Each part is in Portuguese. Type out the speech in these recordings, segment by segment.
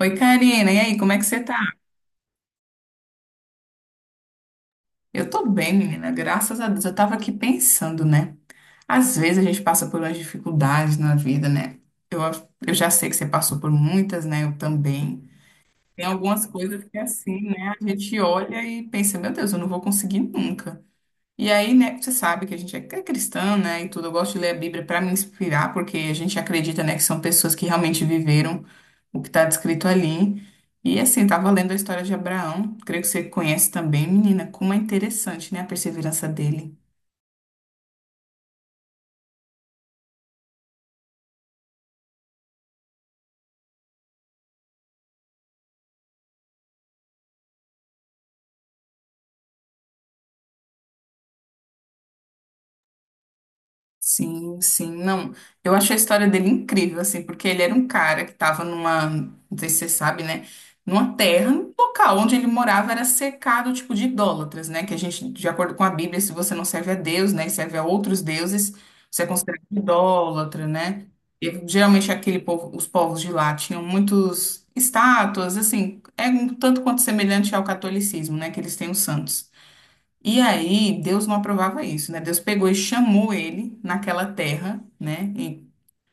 Oi, Karina, e aí, como é que você tá? Eu tô bem, menina, graças a Deus. Eu tava aqui pensando, né? Às vezes a gente passa por umas dificuldades na vida, né? Eu, eu já sei que você passou por muitas, né? Eu também. Tem algumas coisas que, é assim, né? A gente olha e pensa, meu Deus, eu não vou conseguir nunca. E aí, né, você sabe que a gente é cristã, né, e tudo. Eu gosto de ler a Bíblia para me inspirar, porque a gente acredita, né, que são pessoas que realmente viveram o que está descrito ali. E assim, tava lendo a história de Abraão, creio que você conhece também, menina, como é interessante, né, a perseverança dele. Sim, sim. Não, eu acho a história dele incrível, assim, porque ele era um cara que tava numa, não sei se você sabe, né? Numa terra, um local onde ele morava era cercado, tipo, de idólatras, né? Que a gente, de acordo com a Bíblia, se você não serve a Deus, né, e serve a outros deuses, você é considerado um idólatra, né? E geralmente aquele povo, os povos de lá tinham muitos estátuas, assim, é um tanto quanto semelhante ao catolicismo, né? Que eles têm os santos. E aí, Deus não aprovava isso, né? Deus pegou e chamou ele naquela terra, né? E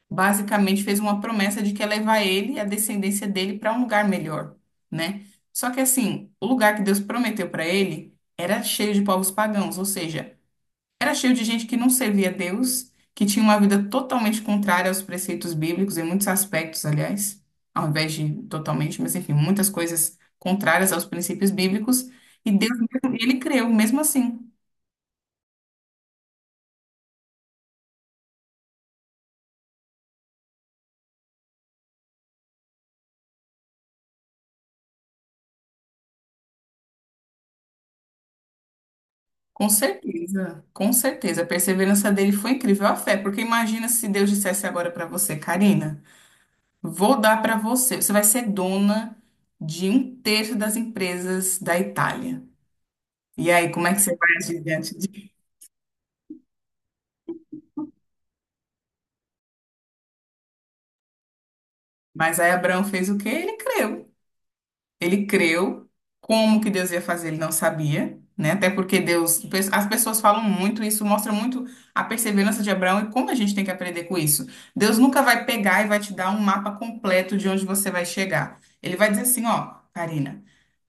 basicamente fez uma promessa de que ia levar ele e a descendência dele para um lugar melhor, né? Só que assim, o lugar que Deus prometeu para ele era cheio de povos pagãos, ou seja, era cheio de gente que não servia a Deus, que tinha uma vida totalmente contrária aos preceitos bíblicos, em muitos aspectos, aliás, ao invés de totalmente, mas enfim, muitas coisas contrárias aos princípios bíblicos. E Deus, mesmo- ele creu, mesmo assim. Com certeza, com certeza. A perseverança dele foi incrível, a fé, porque imagina se Deus dissesse agora para você, Karina, vou dar para você, você vai ser dona de um terço das empresas da Itália. E aí, como é que você vai agir diante disso? Mas aí Abraão fez o quê? Ele creu. Ele creu, como que Deus ia fazer, ele não sabia, né? Até porque Deus, as pessoas falam muito isso, mostra muito a perseverança de Abraão e como a gente tem que aprender com isso. Deus nunca vai pegar e vai te dar um mapa completo de onde você vai chegar. Ele vai dizer assim, ó, Karina.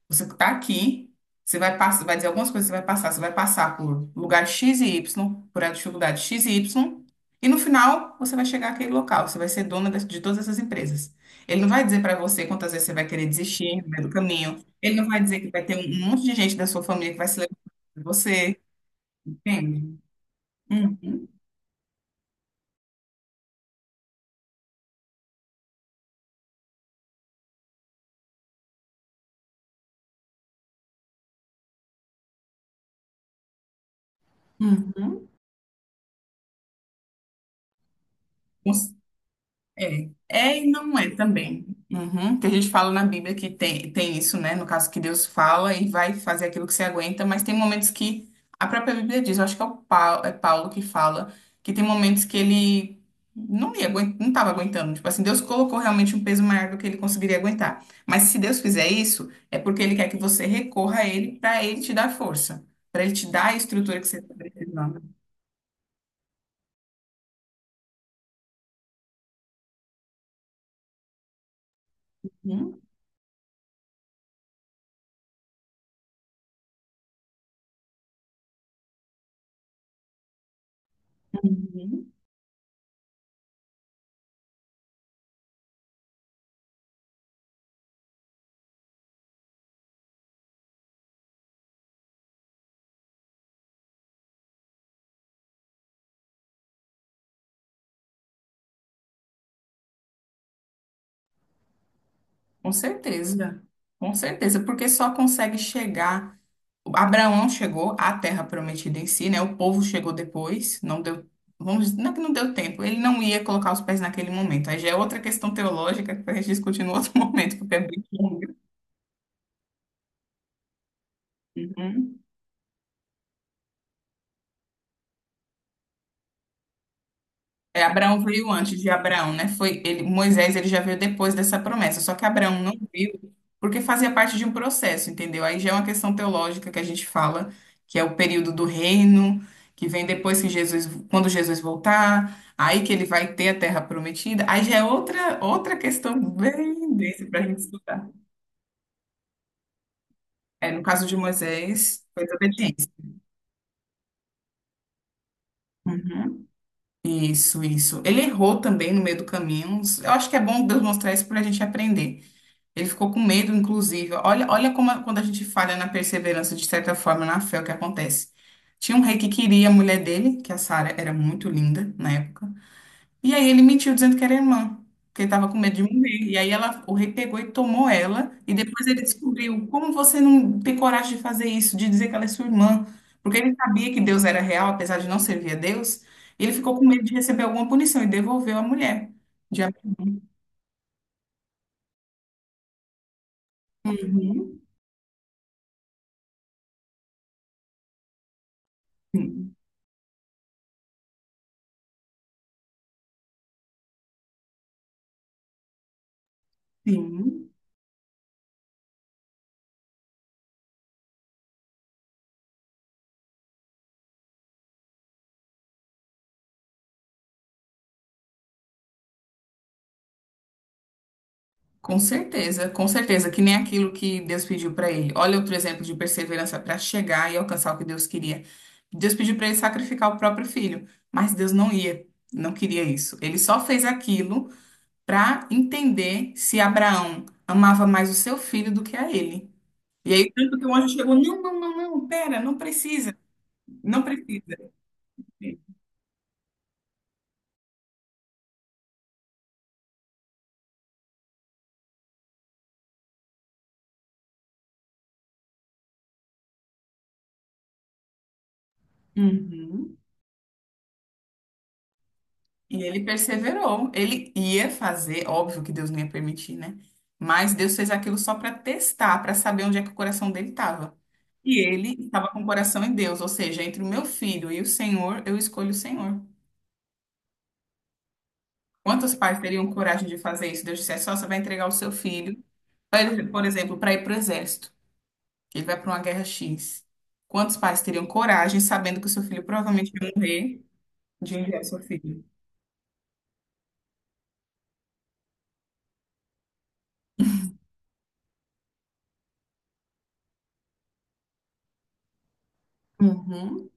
Você está aqui, você vai passar, vai dizer algumas coisas, você vai passar por lugar X e Y, por a dificuldade X e Y, e no final você vai chegar àquele local, você vai ser dona das- de todas essas empresas. Ele não vai dizer para você quantas vezes você vai querer desistir no meio do caminho, ele não vai dizer que vai ter um monte de gente da sua família que vai se levantar de você, entende? Uhum. Uhum. Uhum. É, é e não é também. Uhum. Que a gente fala na Bíblia que tem isso, né? No caso que Deus fala e vai fazer aquilo que você aguenta, mas tem momentos que a própria Bíblia diz, eu acho que é o Paulo, é Paulo que fala, que tem momentos que ele não ia, aguen- não estava aguentando. Tipo assim, Deus colocou realmente um peso maior do que ele conseguiria aguentar. Mas se Deus fizer isso, é porque ele quer que você recorra a ele para ele te dar força, para ele te dar a estrutura que você está precisando. Uhum. Com certeza, com certeza, porque só consegue chegar. Abraão chegou à Terra Prometida em si, né? O povo chegou depois, não deu, vamos, dizer- não é que não deu tempo, ele não ia colocar os pés naquele momento. Aí já é outra questão teológica que a gente discute no outro momento, porque é bem longa. Uhum. É, Abraão veio antes de Abraão, né? Foi ele, Moisés, ele já veio depois dessa promessa. Só que Abraão não viu porque fazia parte de um processo, entendeu? Aí já é uma questão teológica que a gente fala, que é o período do reino, que vem depois que Jesus, quando Jesus voltar, aí que ele vai ter a terra prometida. Aí já é outra questão bem densa para a gente estudar. É, no caso de Moisés, foi desobediência. Uhum. Isso, isso. Ele errou também no meio do caminho. Eu acho que é bom Deus mostrar isso para a gente aprender. Ele ficou com medo, inclusive. Olha, olha como a- quando a gente falha na perseverança, de certa forma, na fé, é o que acontece. Tinha um rei que queria a mulher dele, que a Sara era muito linda na época. E aí ele mentiu dizendo que era irmã, porque ele estava com medo de morrer. E aí ela, o rei pegou e tomou ela. E depois ele descobriu como você não tem coragem de fazer isso, de dizer que ela é sua irmã. Porque ele sabia que Deus era real, apesar de não servir a Deus. E ele ficou com medo de receber alguma punição e devolveu a mulher. De Absalão. Uhum. Sim. Sim. Com certeza, que nem aquilo que Deus pediu para ele. Olha outro exemplo de perseverança para chegar e alcançar o que Deus queria. Deus pediu para ele sacrificar o próprio filho, mas Deus não ia, não queria isso. Ele só fez aquilo para entender se Abraão amava mais o seu filho do que a ele. E aí, tanto que o anjo chegou: não, não, não, não, pera, não precisa, não precisa. Uhum. E ele perseverou. Ele ia fazer, óbvio que Deus não ia permitir, né? Mas Deus fez aquilo só para testar, para saber onde é que o coração dele estava. E ele estava com o coração em Deus, ou seja, entre o meu filho e o Senhor, eu escolho o Senhor. Quantos pais teriam coragem de fazer isso? Deus dissesse, só você vai entregar o seu filho, pra ele- por exemplo, para ir para o exército. Ele vai para uma guerra X. Quantos pais teriam coragem, sabendo que o seu filho provavelmente ia morrer, de enviar o seu filho? Uhum.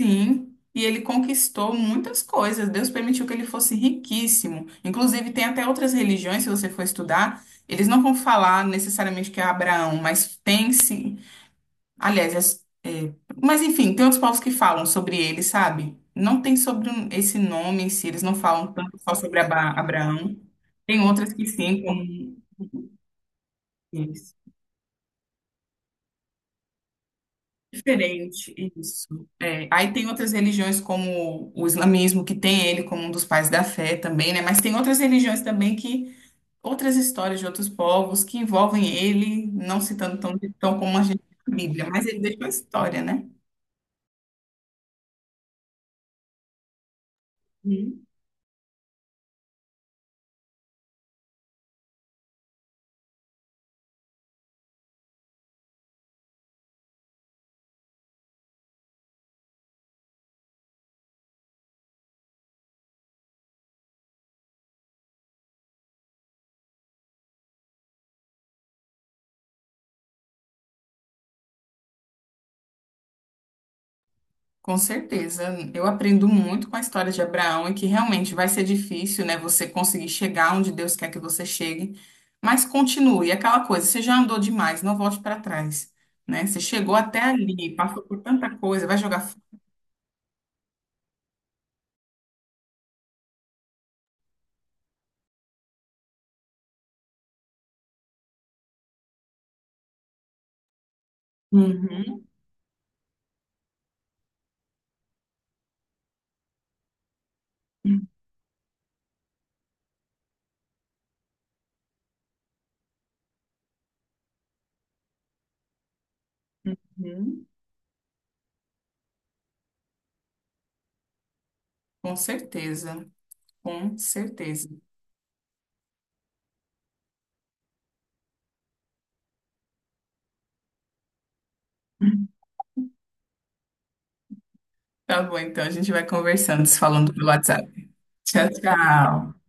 Sim, e ele conquistou muitas coisas. Deus permitiu que ele fosse riquíssimo. Inclusive, tem até outras religiões, se você for estudar, eles não vão falar necessariamente que é Abraão, mas tem-se. Aliás, as- é, mas enfim, tem outros povos que falam sobre ele, sabe? Não tem sobre um- esse nome em si, eles não falam tanto só sobre Aba- Abraão. Tem outras que sim, como. Diferente, isso. É, aí tem outras religiões, como o islamismo, que tem ele como um dos pais da fé também, né? Mas tem outras religiões também que, outras histórias de outros povos que envolvem ele, não citando tão, tão como a gente na Bíblia, mas ele deixa uma história, né? Com certeza, eu aprendo muito com a história de Abraão e que realmente vai ser difícil, né, você conseguir chegar onde Deus quer que você chegue, mas continue, aquela coisa, você já andou demais, não volte para trás, né? Você chegou até ali, passou por tanta coisa, vai jogar fora. Uhum, uhum. Com certeza, com certeza. Tá bom, então a gente vai conversando, se falando pelo WhatsApp. Tchau, tchau.